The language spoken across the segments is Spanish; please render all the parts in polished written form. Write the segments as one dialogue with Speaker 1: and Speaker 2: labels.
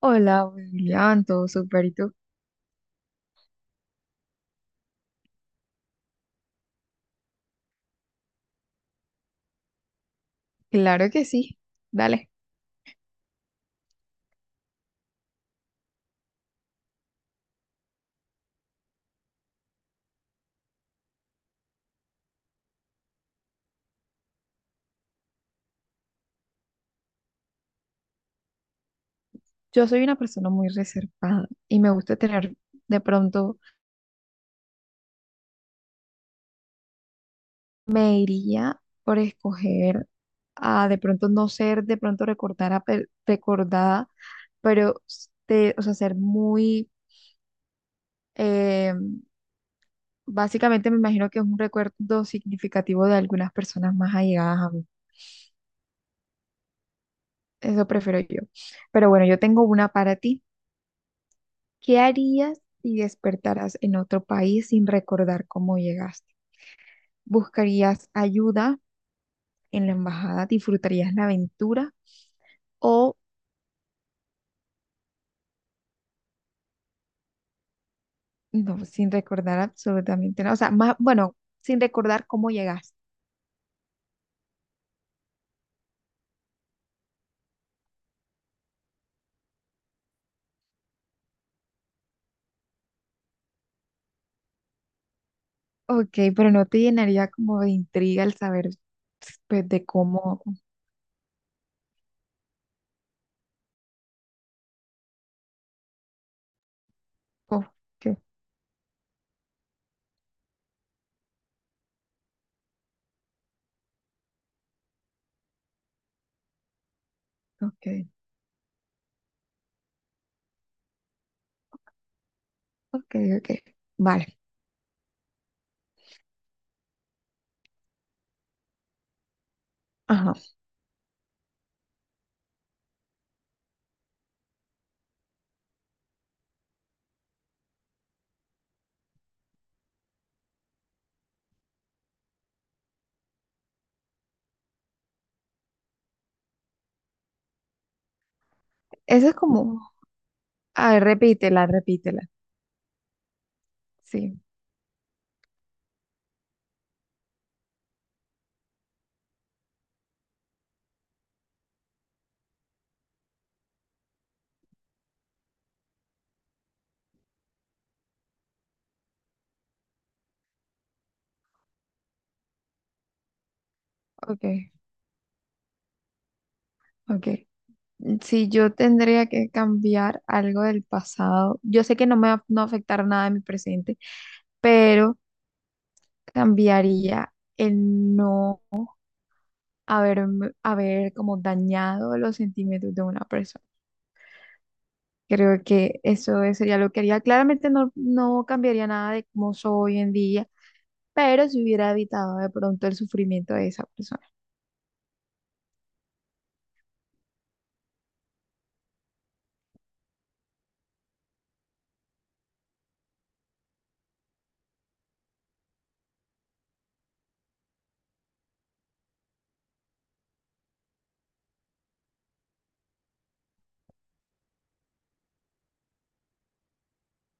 Speaker 1: Hola, William, todo súper, ¿y tú? Claro que sí, dale. Yo soy una persona muy reservada y me gusta tener, de pronto, me iría por escoger a, de pronto, no ser, de pronto, recordada, pero, o sea, ser muy, eh, básicamente me imagino que es un recuerdo significativo de algunas personas más allegadas a mí. Eso prefiero yo. Pero bueno, yo tengo una para ti. ¿Qué harías si despertaras en otro país sin recordar cómo llegaste? ¿Buscarías ayuda en la embajada? ¿Disfrutarías la aventura? ¿O no, sin recordar absolutamente nada? O sea, más, bueno, sin recordar cómo llegaste. Ok, pero no te llenaría como de intriga el saber pues, de cómo. Ok, ok, ok, ok. Vale. Ajá. Eso es como. A ver, repítela, repítela. Sí, ok, ok. Si yo tendría que cambiar algo del pasado, yo sé que no va a afectar nada en mi presente, pero cambiaría el no haber, haber como dañado los sentimientos de una persona. Creo que sería lo que haría. Claramente no, no cambiaría nada de cómo soy hoy en día, pero si hubiera evitado de pronto el sufrimiento de esa persona.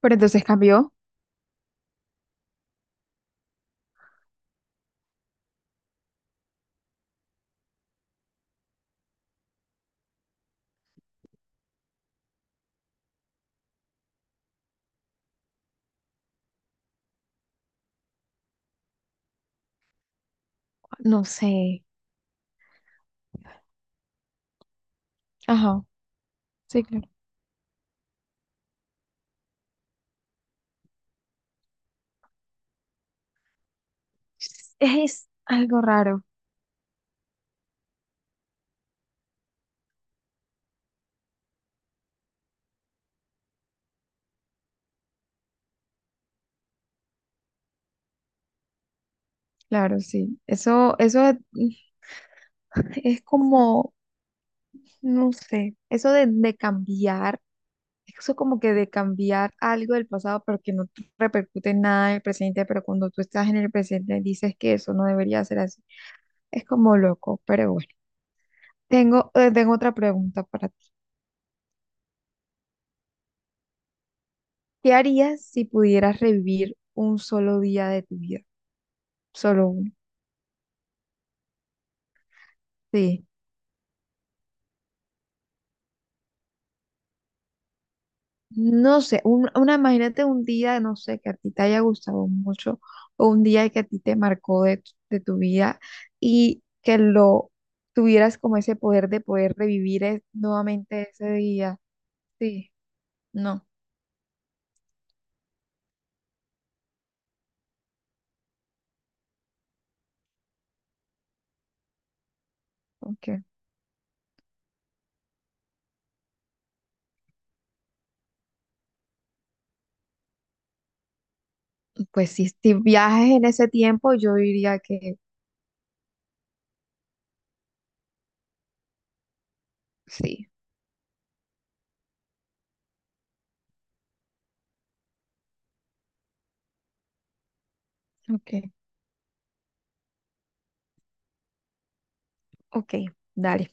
Speaker 1: Pero entonces cambió, no sé. Ajá, sí, claro. Es algo raro, claro, sí. Eso es como, no sé, eso de cambiar, eso como que de cambiar algo del pasado, pero que no te repercute en nada en el presente, pero cuando tú estás en el presente dices que eso no debería ser así. Es como loco, pero bueno. Tengo otra pregunta para ti. ¿Qué harías si pudieras revivir un solo día de tu vida? Solo uno. Sí. No sé, una, imagínate un día, no sé, que a ti te haya gustado mucho, o un día que a ti te marcó de, de tu vida y que lo tuvieras como ese poder de poder nuevamente ese día. Sí, no, ok. Pues sí, si viajes en ese tiempo, yo diría que sí. Ok, ok, dale,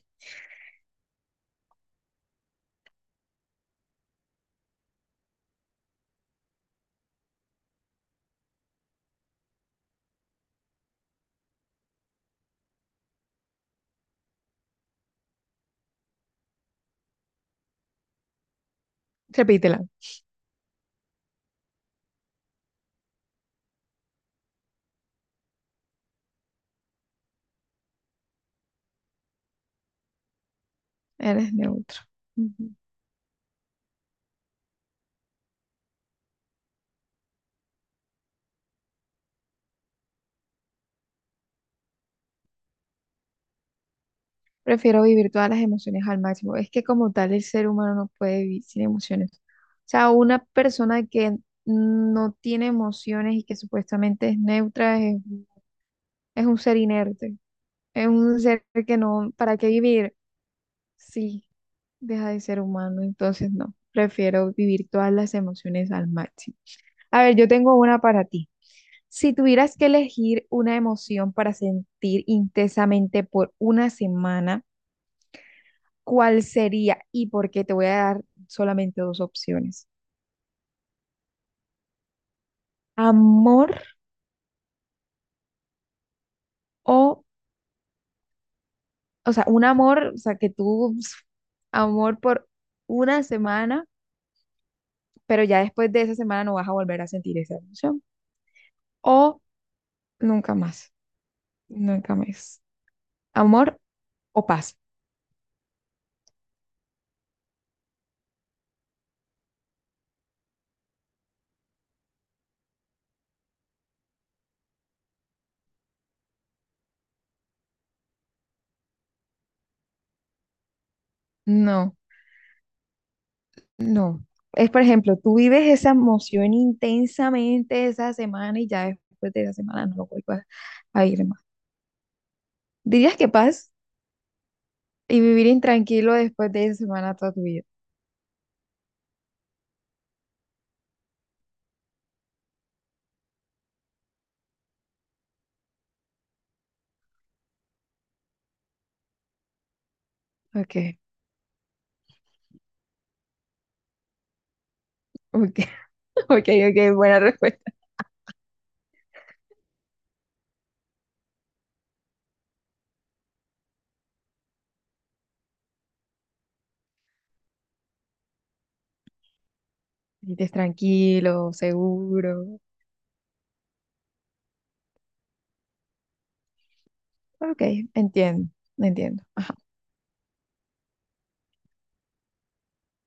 Speaker 1: repítela. Eres neutro. Ujú. Prefiero vivir todas las emociones al máximo. Es que como tal el ser humano no puede vivir sin emociones. O sea, una persona que no tiene emociones y que supuestamente es neutra es un ser inerte. Es un ser que no, ¿para qué vivir? Sí, deja de ser humano. Entonces no, prefiero vivir todas las emociones al máximo. A ver, yo tengo una para ti. Si tuvieras que elegir una emoción para sentir intensamente por una semana, ¿cuál sería y por qué? Te voy a dar solamente dos opciones. Amor o, o sea, un amor, o sea, que tú, pf, amor por una semana, pero ya después de esa semana no vas a volver a sentir esa emoción. O nunca más, nunca más. Amor o paz. No, no. Es, por ejemplo, tú vives esa emoción intensamente esa semana y ya después de esa semana no lo vuelvas a ir más. ¿Dirías que paz? Y vivir intranquilo después de esa semana toda tu vida. Ok, ok, ok, buena respuesta. Vives tranquilo, seguro. Ok, entiendo, entiendo. Ajá,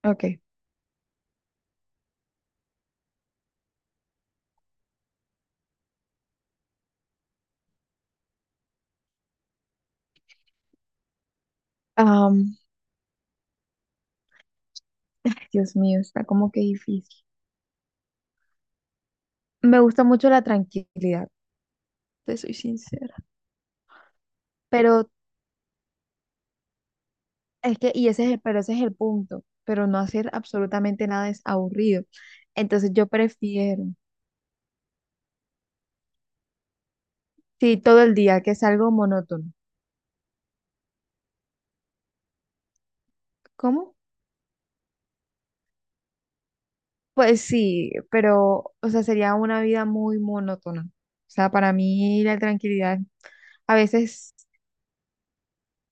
Speaker 1: ok. Am, Dios mío, está como que difícil. Me gusta mucho la tranquilidad, te soy sincera. Pero es que, pero ese es el punto. Pero no hacer absolutamente nada es aburrido. Entonces yo prefiero, sí, todo el día, que es algo monótono. ¿Cómo? Pues sí, pero, o sea, sería una vida muy monótona. O sea, para mí la tranquilidad, a veces,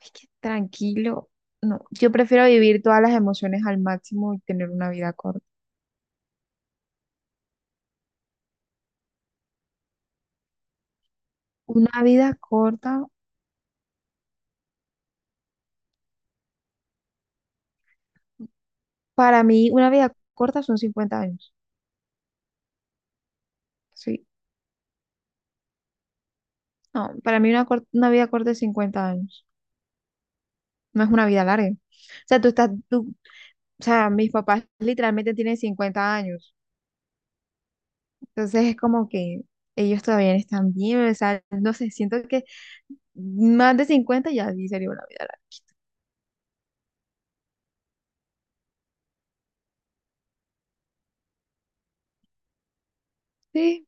Speaker 1: es que tranquilo, no, yo prefiero vivir todas las emociones al máximo y tener una vida corta. Una vida corta, para mí, una vida corta son 50 años. Sí, no, para mí una vida corta es 50 años. No es una vida larga. Sea, tú estás, tú, o sea, mis papás literalmente tienen 50 años. Entonces es como que ellos todavía no están bien, o sea, no sé, siento que más de 50 ya sí sería una vida larga. Sí,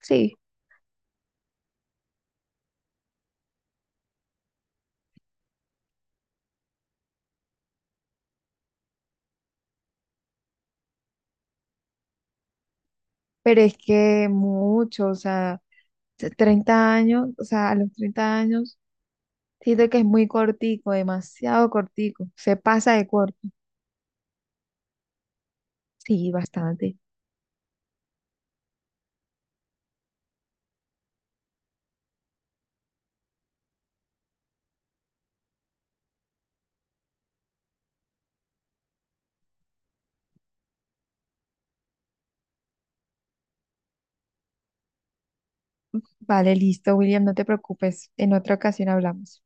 Speaker 1: sí, pero es que mucho, o sea, 30 años, o sea, a los 30 años, siento que es muy cortico, demasiado cortico, se pasa de corto. Sí, bastante. Vale, listo, William, no te preocupes, en otra ocasión hablamos.